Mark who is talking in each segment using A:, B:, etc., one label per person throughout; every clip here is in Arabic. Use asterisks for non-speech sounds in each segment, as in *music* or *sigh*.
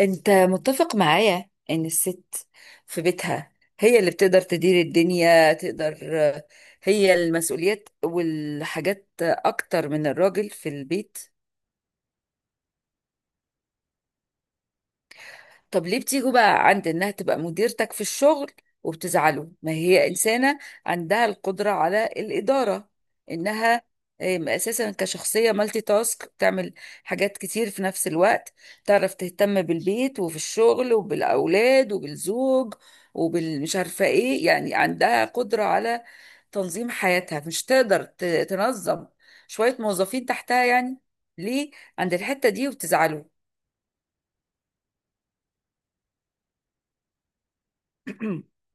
A: انت متفق معايا ان الست في بيتها هي اللي بتقدر تدير الدنيا. تقدر هي المسؤوليات والحاجات اكتر من الراجل في البيت. طب ليه بتيجوا بقى عند انها تبقى مديرتك في الشغل وبتزعلوا؟ ما هي انسانة عندها القدرة على الإدارة. انها اساسا كشخصية مالتي تاسك بتعمل حاجات كتير في نفس الوقت. تعرف تهتم بالبيت وفي الشغل وبالأولاد وبالزوج وبالمش عارفة ايه، يعني عندها قدرة على تنظيم حياتها. مش تقدر تنظم شوية موظفين تحتها، يعني؟ ليه عند الحتة دي وبتزعلوا؟ *clears throat*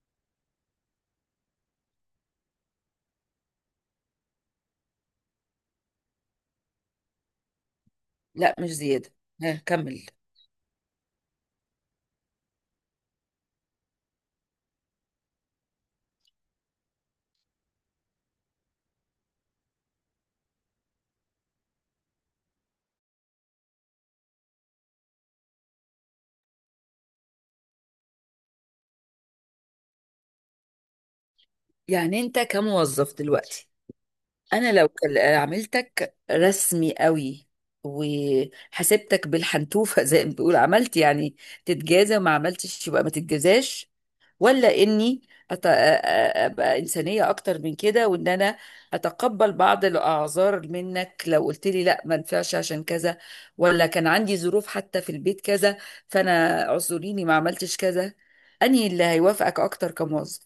A: لا، مش زيادة. ها كمل. يعني انت كموظف دلوقتي، انا لو عملتك رسمي قوي وحسبتك بالحنتوفة *laughs* زي ما بيقول، عملت يعني تتجازى وما عملتش يبقى ما تتجازاش، ولا اني ابقى انسانية اكتر من كده، وان انا اتقبل بعض الاعذار منك لو قلت لي لا ما ينفعش عشان كذا، ولا كان عندي ظروف حتى في البيت كذا، فانا اعذريني ما عملتش كذا. انهي اللي هيوافقك اكتر كموظف؟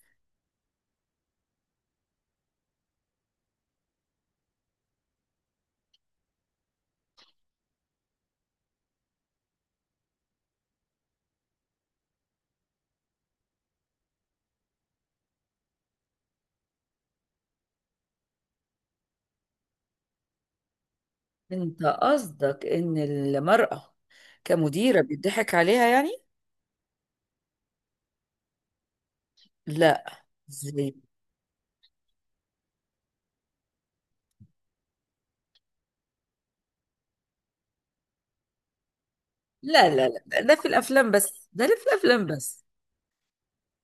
A: انت قصدك ان المرأة كمديرة بيضحك عليها يعني؟ لا. ازاي؟ لا لا لا، ده في الافلام بس. ده اللي في الافلام بس.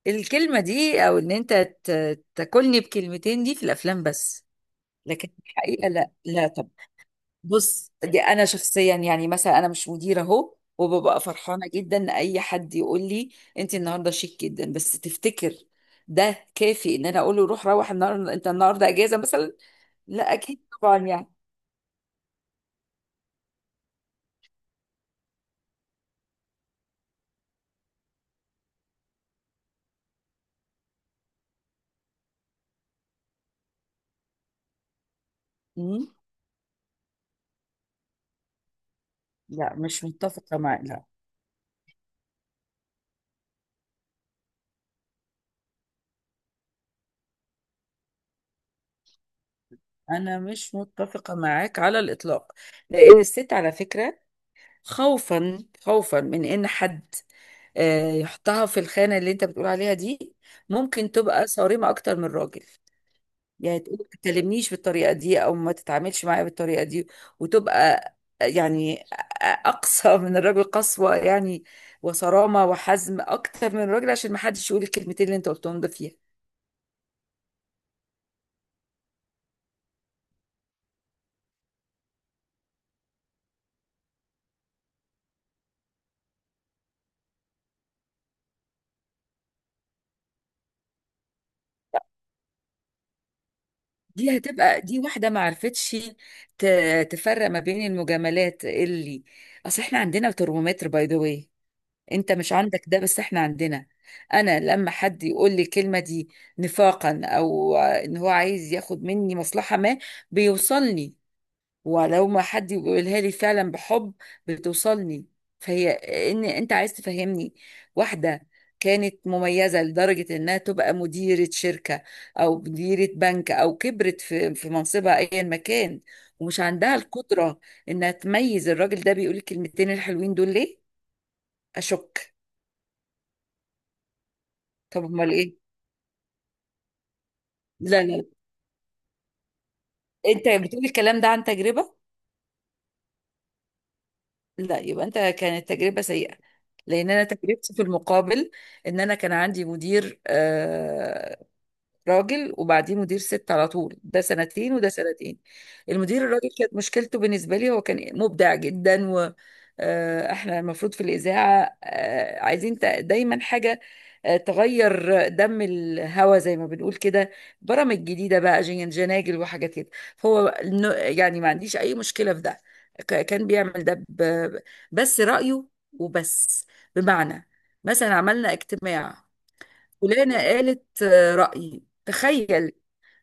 A: الكلمة دي، او ان انت تاكلني بكلمتين، دي في الافلام بس. لكن في الحقيقة لا. لا طب بص، دي انا شخصيا، يعني مثلا انا مش مديرة اهو، وببقى فرحانة جدا ان اي حد يقول لي انت النهاردة شيك جدا. بس تفتكر ده كافي ان انا اقول له روح روح، النهارده انت النهارده اجازة مثلا؟ لا اكيد طبعا، يعني. مم. لا، مش متفقة معاك. لا، أنا مش متفقة معاك على الإطلاق. لأن الست، على فكرة، خوفا خوفا من إن حد يحطها في الخانة اللي أنت بتقول عليها دي، ممكن تبقى صارمة أكتر من الراجل. يعني تقول ما تكلمنيش بالطريقة دي أو ما تتعاملش معايا بالطريقة دي، وتبقى آه، يعني آه، أقصى من الراجل قسوة، يعني، وصرامة وحزم أكتر من الراجل عشان ما حدش يقول الكلمتين اللي أنت قلتهم ده فيها. دي هتبقى، دي واحدة ما عرفتش تفرق ما بين المجاملات. اللي، اصل احنا عندنا ترمومتر، باي ذا واي، انت مش عندك ده بس احنا عندنا. انا لما حد يقول لي الكلمة دي نفاقا، او ان هو عايز ياخد مني مصلحة ما، بيوصلني. ولو ما حد بيقولها لي فعلا بحب، بتوصلني. فهي ان انت عايز تفهمني، واحده كانت مميزه لدرجه انها تبقى مديره شركه او مديره بنك او كبرت في منصبها ايا ما كان، ومش عندها القدره انها تميز الراجل ده بيقول الكلمتين الحلوين دول ليه؟ اشك. طب امال ايه؟ لا لا، انت بتقول الكلام ده عن تجربه. لا، يبقى انت كانت تجربة سيئة. لان انا تجربتي في المقابل، ان انا كان عندي مدير راجل، وبعديه مدير ست على طول، ده سنتين وده سنتين. المدير الراجل كانت مشكلته بالنسبة لي هو كان مبدع جدا، و احنا المفروض في الإذاعة عايزين دايما حاجة تغير دم الهوا زي ما بنقول كده، برامج جديدة بقى جناجل وحاجات كده. هو يعني ما عنديش أي مشكلة في ده. كان بيعمل ده بس رأيه وبس. بمعنى، مثلا عملنا اجتماع، فلانة قالت رأيي، تخيل،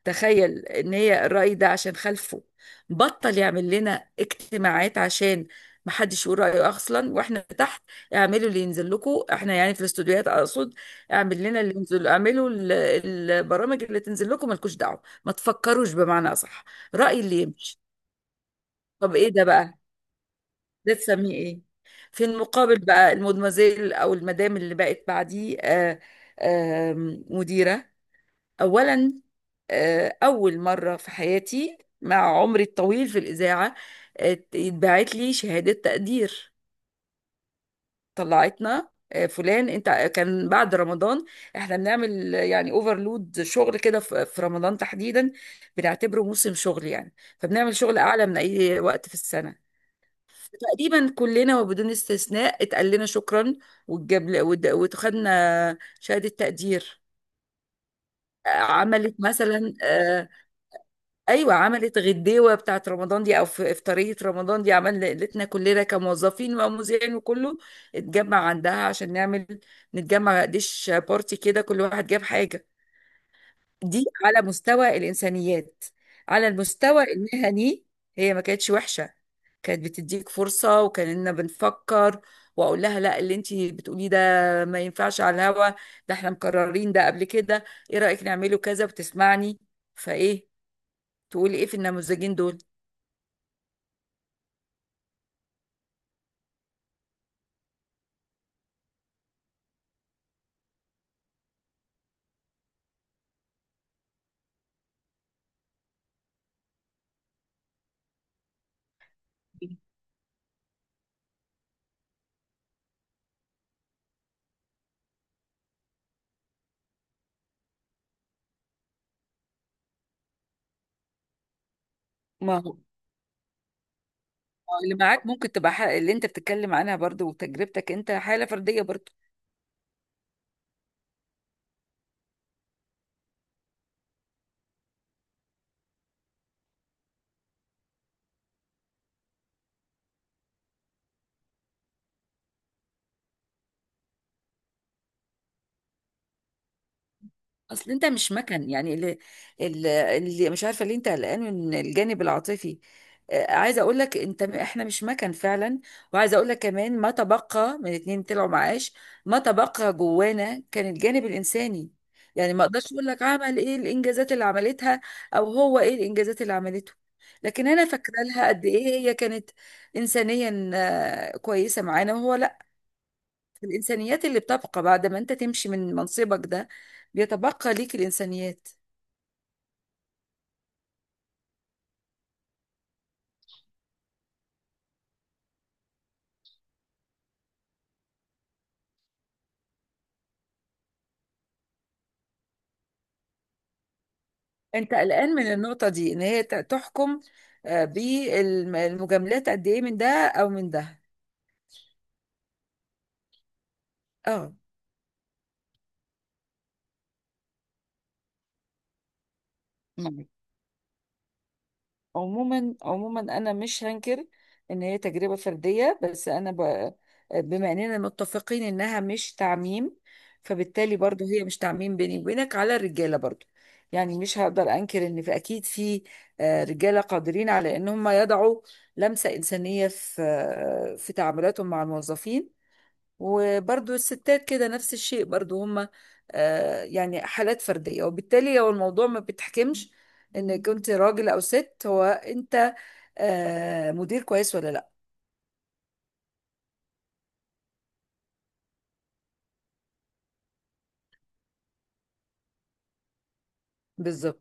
A: تخيل ان هي الرأي ده عشان خلفه بطل يعمل لنا اجتماعات عشان محدش يقول رأيه اصلا، واحنا تحت اعملوا اللي ينزل لكم. احنا يعني في الاستوديوهات اقصد، اعمل لنا اللي ينزل، اعملوا البرامج اللي تنزل لكم، مالكوش دعوة ما تفكروش، بمعنى اصح رأي اللي يمشي. طب ايه ده بقى؟ ده تسميه ايه؟ في المقابل بقى، المدمزيل او المدام اللي بقت بعديه آه، مديرة، أولا أول مرة في حياتي مع عمري الطويل في الإذاعة اتبعت لي شهادة تقدير. طلعتنا فلان انت كان بعد رمضان، احنا بنعمل يعني اوفرلود شغل كده في رمضان تحديدا، بنعتبره موسم شغل يعني. فبنعمل شغل اعلى من اي وقت في السنه. تقريبا كلنا وبدون استثناء اتقال لنا شكرا، واتجاب وخدنا شهاده تقدير. عملت مثلا ايوه، عملت غديوه بتاعت رمضان دي، او في افطاريه رمضان دي، عمل ليلتنا كلنا كموظفين ومذيعين وكله اتجمع عندها عشان نعمل، نتجمع ديش بارتي كده، كل واحد جاب حاجه. دي على مستوى الانسانيات. على المستوى المهني هي ما كانتش وحشه، كانت بتديك فرصه وكاننا بنفكر. واقول لها: لا، اللي انت بتقوليه ده ما ينفعش على الهوا، ده احنا مقررين ده قبل كده، ايه رايك نعمله كذا، وتسمعني. فايه تقولي ايه في النموذجين دول؟ ما هو اللي معاك ممكن تبقى حق، اللي انت بتتكلم عنها برضو، وتجربتك انت حالة فردية برضو. اصل انت مش مكن، يعني، اللي مش عارفه ليه انت قلقان من الجانب العاطفي. عايزه اقول لك انت، احنا مش مكن فعلا. وعايزه اقول لك كمان، ما تبقى من اتنين طلعوا معاش ما تبقى جوانا كان الجانب الانساني. يعني ما اقدرش اقول لك عمل ايه الانجازات اللي عملتها، او هو ايه الانجازات اللي عملته، لكن انا فاكره لها قد ايه هي كانت انسانيا كويسه معانا، وهو لا. الإنسانيات اللي بتبقى بعد ما أنت تمشي من منصبك ده، بيتبقى ليك الإنسانيات. أنت قلقان من النقطة دي إن هي تحكم بالمجاملات قد إيه من ده أو من ده؟ اه. عموما عموما، انا مش هنكر ان هي تجربه فرديه، بس بما اننا متفقين انها مش تعميم، فبالتالي برضو هي مش تعميم بيني وبينك على الرجاله برضو. يعني مش هقدر انكر ان في، اكيد، في رجاله قادرين على ان هم يضعوا لمسه انسانيه في تعاملاتهم مع الموظفين. وبرضو الستات كده نفس الشيء برضو، هما يعني حالات فردية. وبالتالي هو الموضوع ما بتحكمش ان كنت راجل او ست، هو انت مدير كويس ولا لا. بالظبط.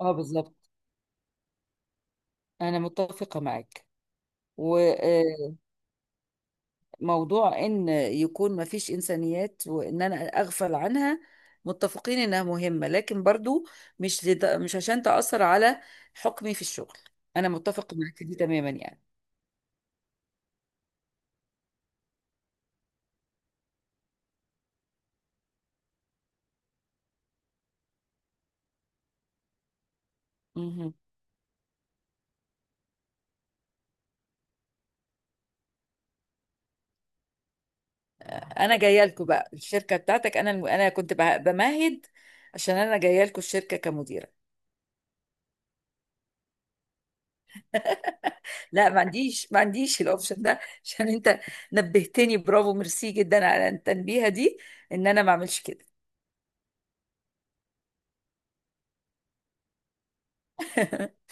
A: اه بالظبط، انا متفقه معاك. وموضوع ان يكون ما فيش انسانيات وان انا اغفل عنها، متفقين انها مهمة، لكن برضو مش عشان تأثر على حكمي في الشغل، انا متفق معك دي تماما يعني. مهم. انا جايه لكم بقى الشركه بتاعتك. انا كنت بمهد عشان انا جايه لكم الشركه كمديره. لا، ما عنديش الاوبشن ده *laughs* عشان انت نبهتني. برافو، ميرسي جدا على التنبيهه دي ان انا ما اعملش كده. *laughs*